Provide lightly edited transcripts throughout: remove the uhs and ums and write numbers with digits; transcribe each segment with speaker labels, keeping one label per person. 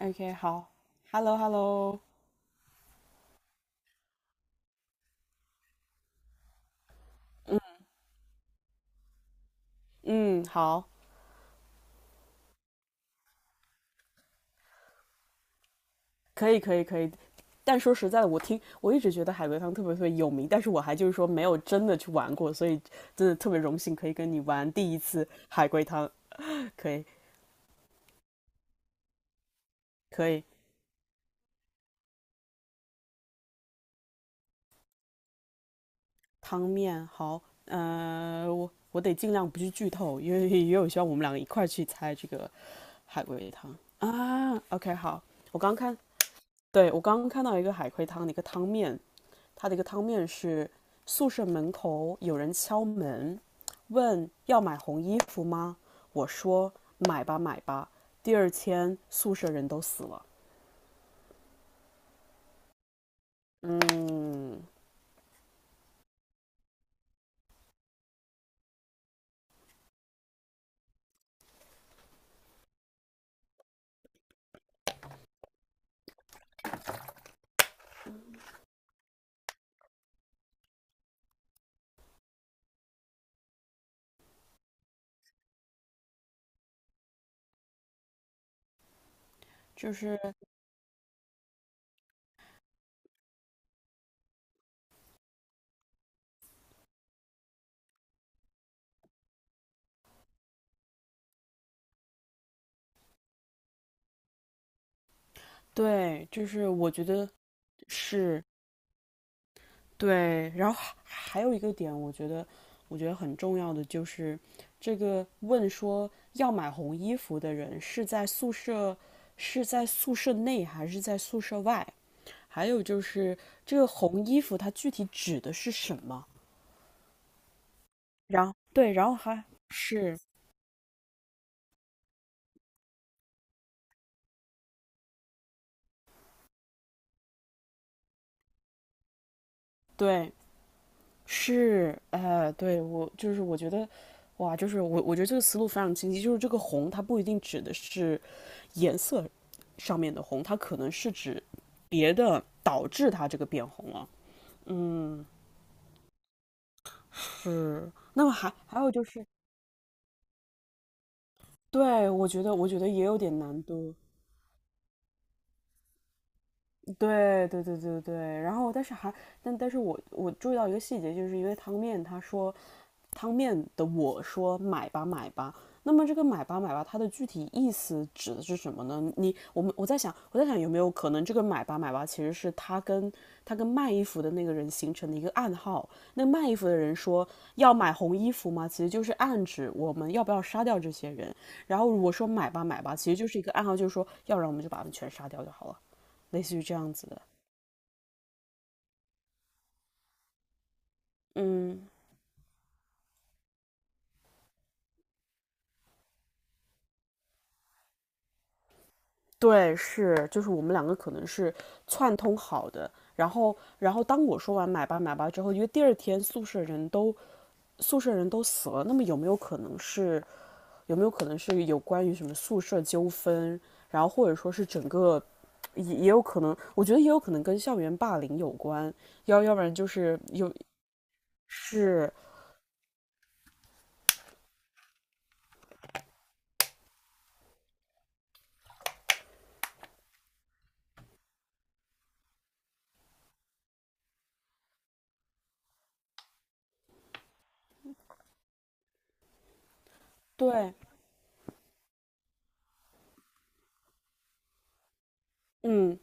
Speaker 1: OK,好Hello，Hello，嗯，好，可以，可以，可以。但说实在的，我一直觉得海龟汤特别特别有名，但是我还就是说没有真的去玩过，所以真的特别荣幸可以跟你玩第一次海龟汤。可以，可以，汤面好，我得尽量不去剧透，因为也有希望我们两个一块儿去猜这个海龟汤啊。OK,好，我刚看，对我刚刚看到一个海龟汤的一个汤面，他的一个汤面是宿舍门口有人敲门，问要买红衣服吗？我说买吧买吧。第二天宿舍人都死了。嗯，就是对，就是我觉得是对。然后还有一个点，我觉得很重要的就是这个问说要买红衣服的人是在宿舍内还是在宿舍外？还有就是这个红衣服它具体指的是什么？然后对，然后还是对是，对我就是我觉得，哇，就是我觉得这个思路非常清晰，就是这个红它不一定指的是颜色上面的红，它可能是指别的导致它这个变红了。嗯，是。那么还有就是，对，我觉得也有点难度。对对对对对，然后但是我注意到一个细节，就是因为汤面的我说买吧买吧，那么这个买吧买吧它的具体意思指的是什么呢？你我们我在想有没有可能这个买吧买吧其实是他跟卖衣服的那个人形成的一个暗号，那卖衣服的人说要买红衣服吗？其实就是暗指我们要不要杀掉这些人，然后我说买吧买吧，其实就是一个暗号，就是说要不然我们就把他们全杀掉就好了。类似于这样子的。嗯，对，是，就是我们两个可能是串通好的。然后当我说完买吧买吧之后，因为第二天宿舍人都死了，那么有没有可能是有关于什么宿舍纠纷，然后或者说是整个也有可能，我觉得也有可能跟校园霸凌有关，要不然就是有是对，嗯，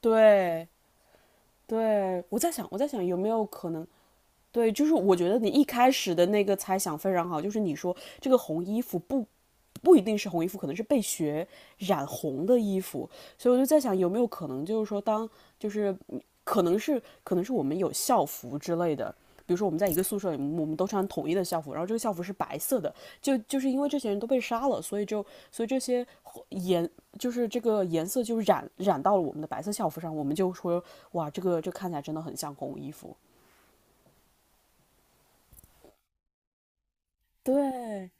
Speaker 1: 对对，我在想有没有可能对，就是我觉得你一开始的那个猜想非常好，就是你说这个红衣服不一定是红衣服，可能是被血染红的衣服，所以我就在想有没有可能就是说当就是可能是我们有校服之类的，比如说我们在一个宿舍里，我们都穿统一的校服，然后这个校服是白色的，就就是因为这些人都被杀了，所以这些颜就是这个颜色就染到了我们的白色校服上，我们就说哇，这个这看起来真的很像红衣服。对，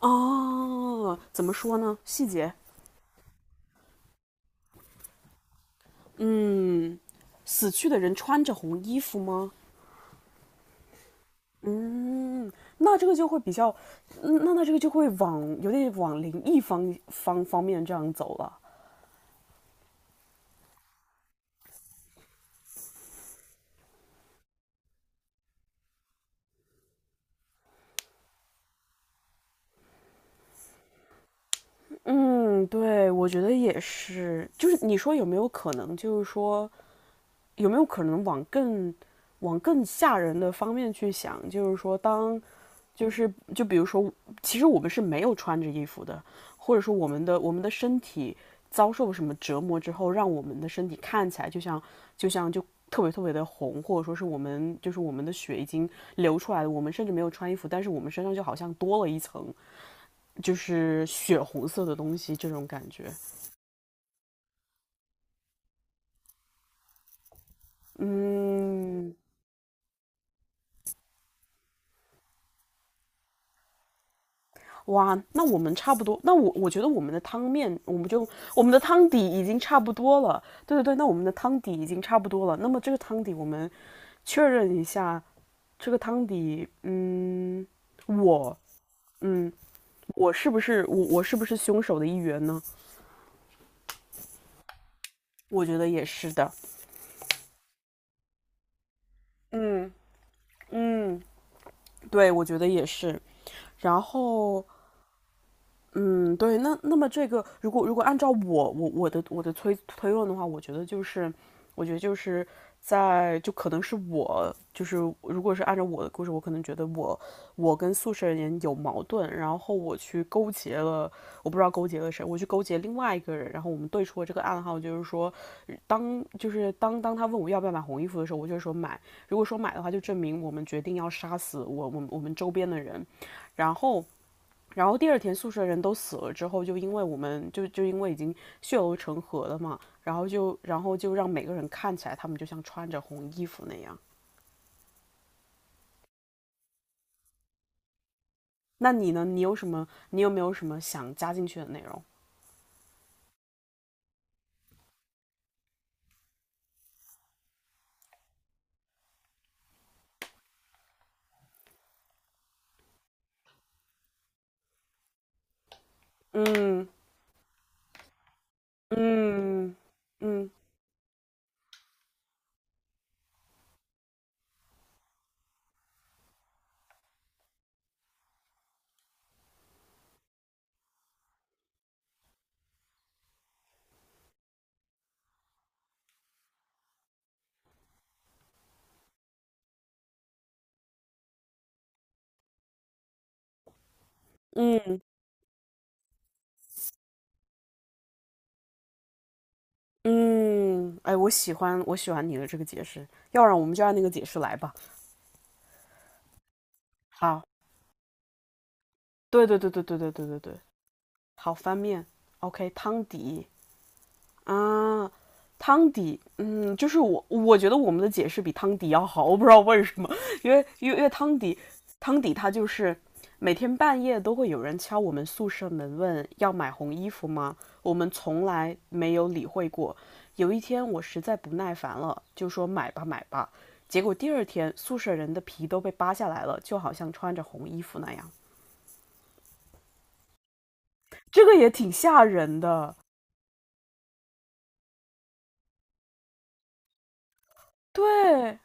Speaker 1: 哦，怎么说呢？细节，嗯，死去的人穿着红衣服吗？嗯，那这个就会比较，嗯那那这个就会往有点往灵异方面这样走了。嗯，对，我觉得也是。就是你说有没有可能，就是说，有没有可能往更吓人的方面去想？就是说当，就是就比如说，其实我们是没有穿着衣服的，或者说我们的身体遭受什么折磨之后，让我们的身体看起来就像就像就特别特别的红，或者说是我们的血已经流出来了，我们甚至没有穿衣服，但是我们身上就好像多了一层就是血红色的东西，这种感觉。嗯，哇，那我们差不多，那我觉得我们的汤面，我们的汤底已经差不多了。对对对，那我们的汤底已经差不多了。那么这个汤底，我们确认一下，这个汤底，嗯，我，嗯，我是不是凶手的一员呢？我觉得也是的。嗯嗯，对，我觉得也是。然后嗯，对，那那么这个，如果按照我的推论的话，我觉得就是，我觉得就是可能是我就是如果是按照我的故事，我可能觉得我跟宿舍人有矛盾，然后我去勾结了，我不知道勾结了谁，我去勾结另外一个人，然后我们对出了这个暗号，就是说当就是当当他问我要不要买红衣服的时候，我就说买，如果说买的话，就证明我们决定要杀死我们周边的人，然后。然后第二天宿舍人都死了之后，就因为已经血流成河了嘛，然后就让每个人看起来他们就像穿着红衣服那样。那你呢？你有什么？你有没有什么想加进去的内容？嗯嗯嗯嗯嗯，哎，我喜欢你的这个解释，要不然我们就按那个解释来吧。好，对对对对对对对对对，好翻面，OK,汤底。啊，汤底，嗯，就是我，我觉得我们的解释比汤底要好，我不知道为什么，因为汤底，汤底它就是每天半夜都会有人敲我们宿舍门问要买红衣服吗？我们从来没有理会过。有一天我实在不耐烦了，就说买吧买吧，结果第二天宿舍人的皮都被扒下来了，就好像穿着红衣服那样，这个也挺吓人的。对，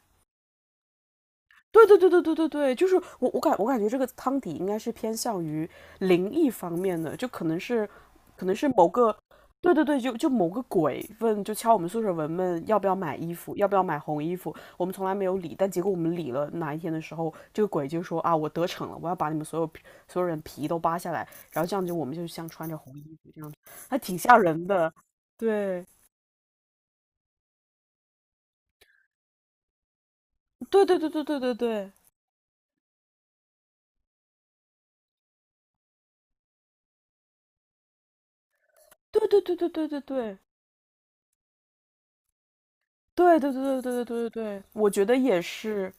Speaker 1: 对对对对对对对，就是我感觉这个汤底应该是偏向于灵异方面的，就可能是可能是某个，对对对，就某个鬼敲我们宿舍门问要不要买衣服，要不要买红衣服，我们从来没有理，但结果我们理了哪一天的时候，这个鬼就说啊我得逞了，我要把你们所有人皮都扒下来，然后这样就我们就像穿着红衣服这样，还挺吓人的，对对对对对对对对对对对对对对对。对对对对对对对对，我觉得也是，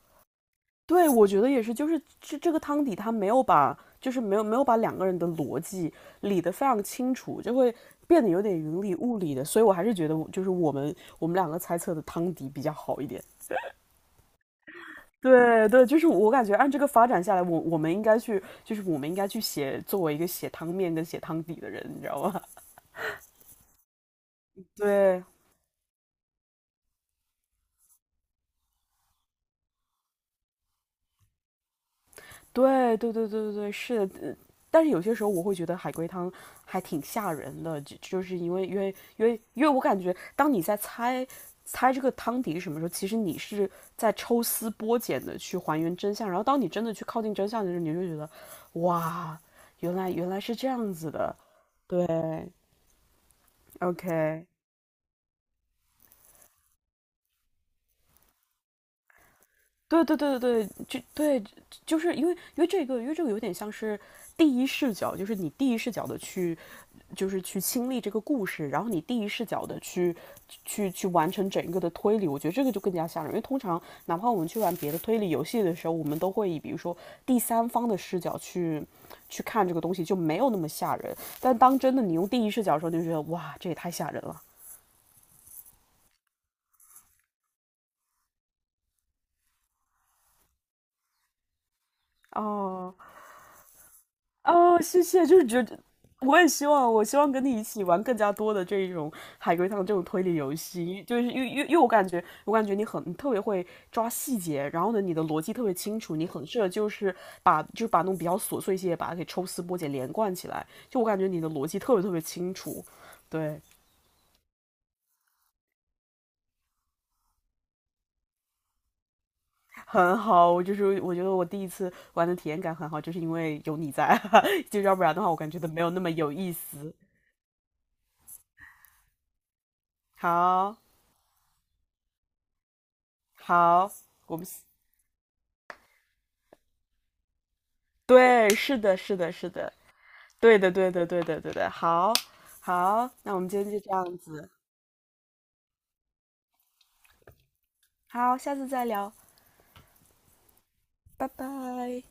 Speaker 1: 对，我觉得也是，就是这个汤底他没有把，就是没有把两个人的逻辑理得非常清楚，就会变得有点云里雾里的，所以我还是觉得我就是我们两个猜测的汤底比较好一点。对对，就是我感觉按这个发展下来，我们应该去，就是我们应该去写作为一个写汤面跟写汤底的人，你知道吗？对对对对对对对，是的，但是有些时候我会觉得海龟汤还挺吓人的，是因为我感觉当你在猜这个汤底是什么时候，其实你是在抽丝剥茧的去还原真相，然后当你真的去靠近真相的时候，你就觉得哇，原来是这样子的，对，OK,对对对对对，就对，就是因为这个有点像是第一视角，就是你第一视角的去，就是去亲历这个故事，然后你第一视角的去完成整个的推理，我觉得这个就更加吓人。因为通常哪怕我们去玩别的推理游戏的时候，我们都会以比如说第三方的视角去看这个东西，就没有那么吓人。但当真的你用第一视角的时候，你就觉得哇，这也太吓人了哦。哦，谢谢，就是觉得我希望跟你一起玩更加多的这一种海龟汤这种推理游戏，就是因为我感觉，我感觉你特别会抓细节，然后呢，你的逻辑特别清楚，你很适合就是把那种比较琐碎一些，把它给抽丝剥茧连贯起来，就我感觉你的逻辑特别特别清楚。对，很好，我就是我觉得我第一次玩的体验感很好，就是因为有你在，就要不然的话，我感觉都没有那么有意思。好，好，我们对，是的，是的，是的，对的，对的，对的，对的。好，好，那我们今天就这样子，好，下次再聊，拜拜。